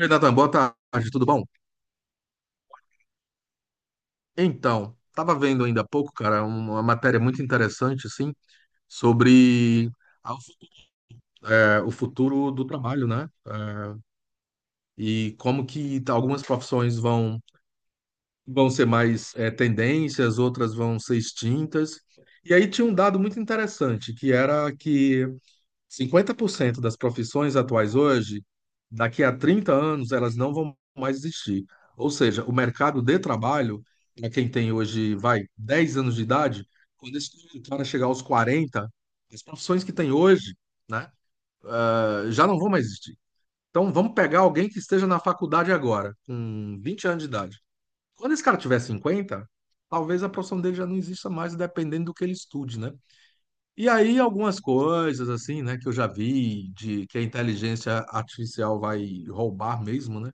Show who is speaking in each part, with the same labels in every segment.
Speaker 1: Oi, Natan, boa tarde, tudo bom? Então, estava vendo ainda há pouco, cara, uma matéria muito interessante, assim, sobre a- o futuro do trabalho, né? E como que algumas profissões vão ser mais tendências, outras vão ser extintas. E aí tinha um dado muito interessante, que era que 50% das profissões atuais hoje, daqui a 30 anos, elas não vão mais existir. Ou seja, o mercado de trabalho, para quem tem hoje, vai, 10 anos de idade, quando esse cara chegar aos 40, as profissões que tem hoje, né, já não vão mais existir. Então, vamos pegar alguém que esteja na faculdade agora, com 20 anos de idade. Quando esse cara tiver 50, talvez a profissão dele já não exista mais, dependendo do que ele estude, né? E aí algumas coisas assim, né, que eu já vi de que a inteligência artificial vai roubar mesmo, né?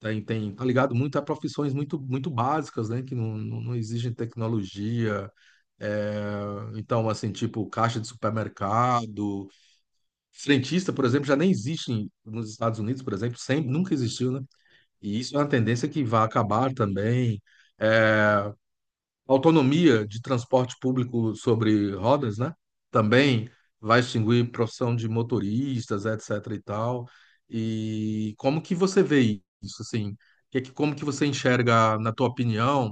Speaker 1: Tem, tá ligado muito a profissões muito, muito básicas, né, que não exigem tecnologia. É, então, assim, tipo caixa de supermercado, frentista, por exemplo, já nem existe nos Estados Unidos, por exemplo, sempre, nunca existiu, né? E isso é uma tendência que vai acabar também. eh, Autonomia de transporte público sobre rodas, né? Também vai extinguir profissão de motoristas, etc. e tal. E como que você vê isso, assim? Como que você enxerga, na tua opinião,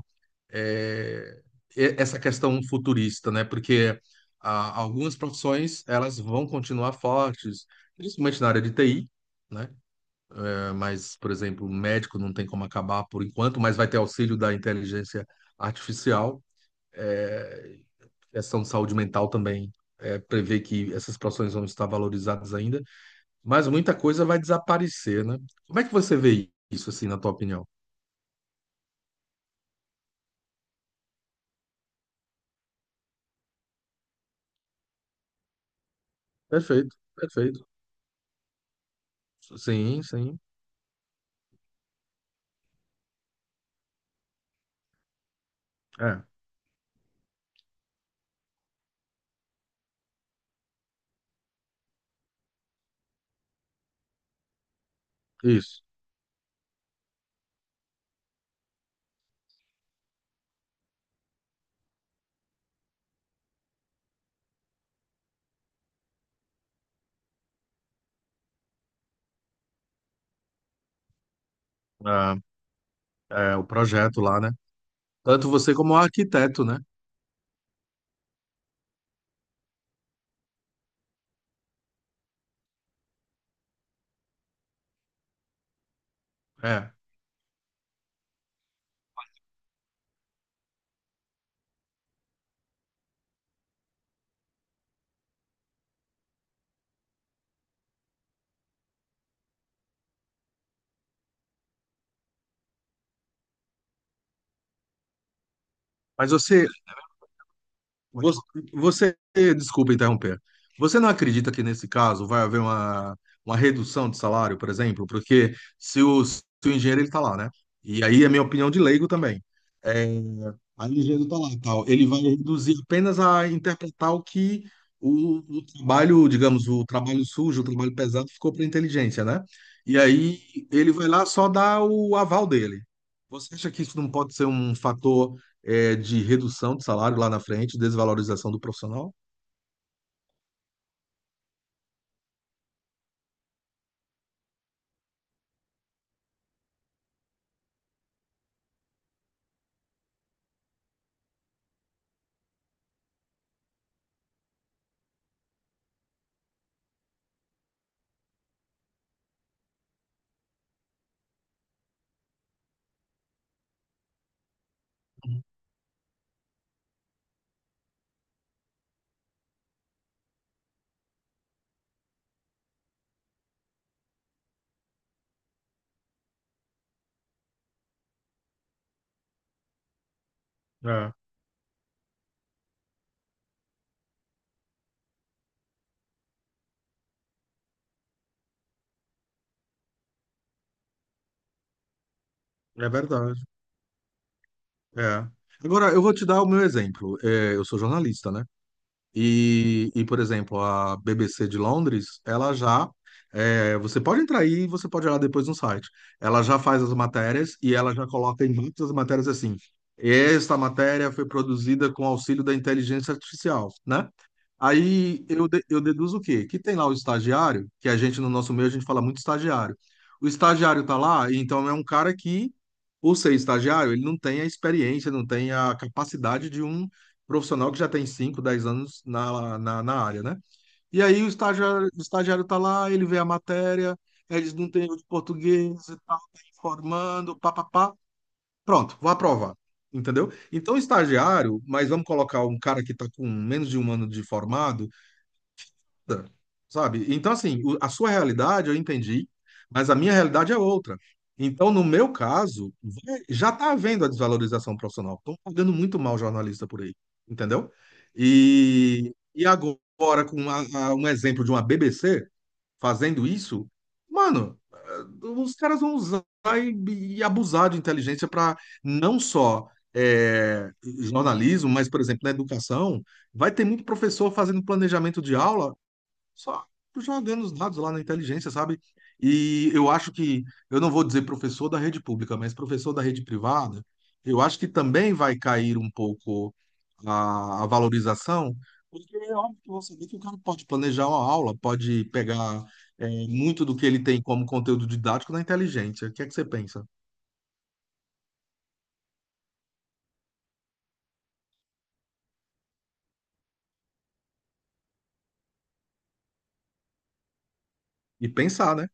Speaker 1: é, essa questão futurista, né? Porque algumas profissões elas vão continuar fortes, principalmente na área de TI, né? Mas, por exemplo, médico não tem como acabar por enquanto, mas vai ter auxílio da inteligência artificial. É, Questão de saúde mental também prevê que essas profissões vão estar valorizadas ainda, mas muita coisa vai desaparecer, né? Como é que você vê isso, assim, na tua opinião? Perfeito, perfeito. Sim, sim. É, isso. É, é, o projeto lá, né? Tanto você como o arquiteto, né? É. Mas você, Vo- você, desculpa interromper. Você não acredita que nesse caso vai haver uma redução de salário, por exemplo? Porque se o engenheiro ele está lá, né? E aí é minha opinião de leigo também. É, Aí o engenheiro está lá e tal. Ele vai reduzir apenas a interpretar o que o trabalho, digamos, o trabalho sujo, o trabalho pesado ficou para inteligência, né? E aí ele vai lá só dar o aval dele. Você acha que isso não pode ser um fator de redução de salário lá na frente, desvalorização do profissional? É, é verdade. É. Agora, eu vou te dar o meu exemplo. Eu sou jornalista, né? E, por exemplo, a BBC de Londres, ela já. Você pode entrar aí e você pode olhar depois no site. Ela já faz as matérias e ela já coloca em muitas matérias assim. Esta matéria foi produzida com auxílio da inteligência artificial, né? Aí eu deduzo o quê? Que tem lá o estagiário, que a gente no nosso meio a gente fala muito estagiário. O estagiário tá lá, e então é um cara que, por ser estagiário, ele não tem a experiência, não tem a capacidade de um profissional que já tem 5 10 anos na área, né? E aí o estagiário tá lá, ele vê a matéria, eles não têm de português e tal, tá informando, papapá. Pronto, vou aprovar. Entendeu? Então, estagiário, mas vamos colocar um cara que está com menos de 1 ano de formado, nada, sabe? Então, assim, a sua realidade eu entendi, mas a minha realidade é outra. Então, no meu caso, já está havendo a desvalorização profissional. Estão pagando muito mal jornalista por aí, entendeu? E agora, com um exemplo de uma BBC fazendo isso, mano, os caras vão usar e abusar de inteligência para não só eh, jornalismo, mas, por exemplo, na educação. Vai ter muito professor fazendo planejamento de aula só jogando os dados lá na inteligência, sabe? E eu acho que, eu não vou dizer professor da rede pública, mas professor da rede privada, eu acho que também vai cair um pouco a valorização, porque é óbvio que você vê que o cara pode planejar uma aula, pode pegar muito do que ele tem como conteúdo didático na inteligência. O que é que você pensa? E pensar, né?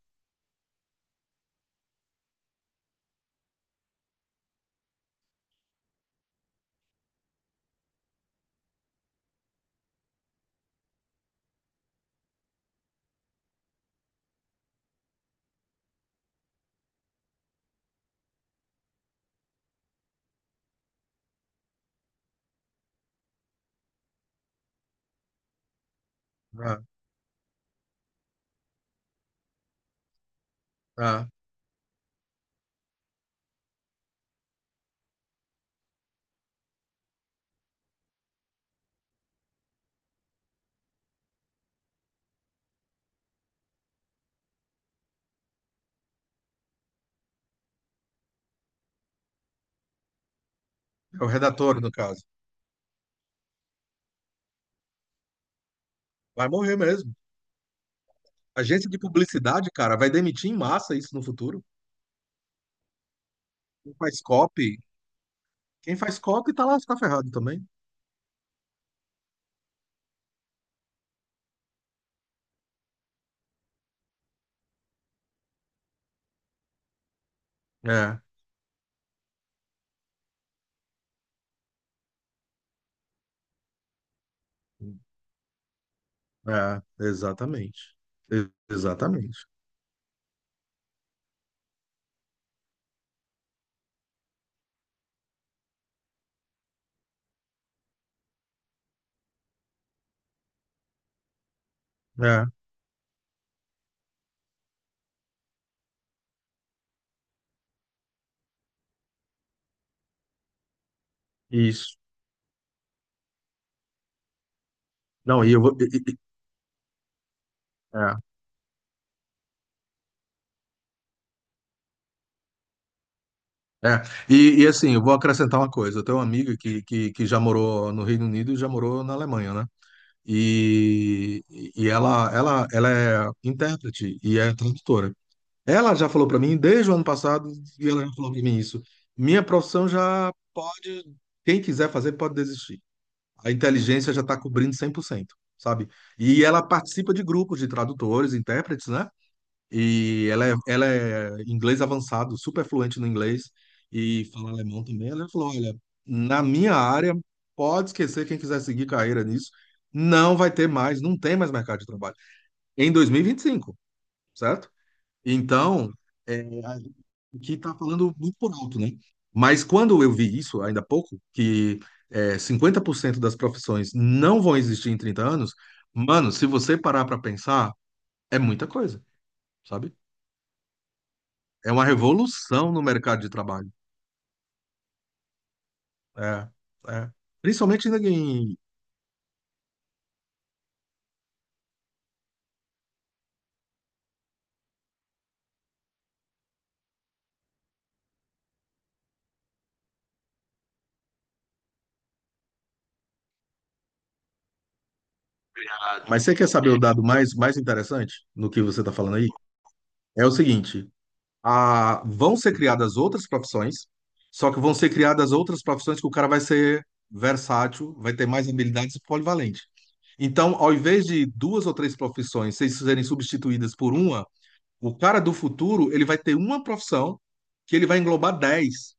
Speaker 1: É, é, é o redator, no caso. Vai morrer mesmo. Agência de publicidade, cara, vai demitir em massa isso no futuro. Não faz copy, quem faz cópia tá lá, tá ferrado também. É, é, exatamente. Exatamente. É, isso. Não, e eu vou. É, é. E, assim, eu vou acrescentar uma coisa. Eu tenho uma amiga que já morou no Reino Unido e já morou na Alemanha, né? E, e ela é intérprete e é tradutora. Ela já falou para mim desde o ano passado, e ela já falou para mim isso. Minha profissão já pode, quem quiser fazer, pode desistir. A inteligência já está cobrindo 100%, sabe? E ela participa de grupos de tradutores, intérpretes, né? E ela é inglês avançado, super fluente no inglês e fala alemão também. Ela falou: olha, na minha área, pode esquecer quem quiser seguir carreira nisso, não vai ter mais, não tem mais mercado de trabalho. Em 2025, certo? Então, é, a gente aqui está falando muito por alto, né? Mas quando eu vi isso, ainda há pouco, que 50% das profissões não vão existir em 30 anos, mano, se você parar para pensar, é muita coisa, sabe? É uma revolução no mercado de trabalho. É, é. Principalmente em... Mas você quer saber o dado mais, mais interessante no que você está falando aí? É o seguinte, vão ser criadas outras profissões, só que vão ser criadas outras profissões que o cara vai ser versátil, vai ter mais habilidades e polivalente. Então, ao invés de duas ou três profissões serem substituídas por uma, o cara do futuro, ele vai ter uma profissão que ele vai englobar 10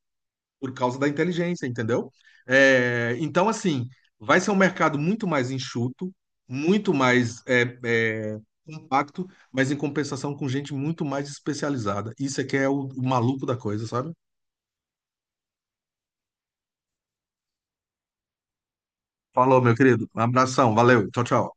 Speaker 1: por causa da inteligência, entendeu? Então, assim, vai ser um mercado muito mais enxuto, muito mais compacto, mas em compensação com gente muito mais especializada. Isso é que é o maluco da coisa, sabe? Falou, meu querido. Um abração, valeu, tchau, tchau.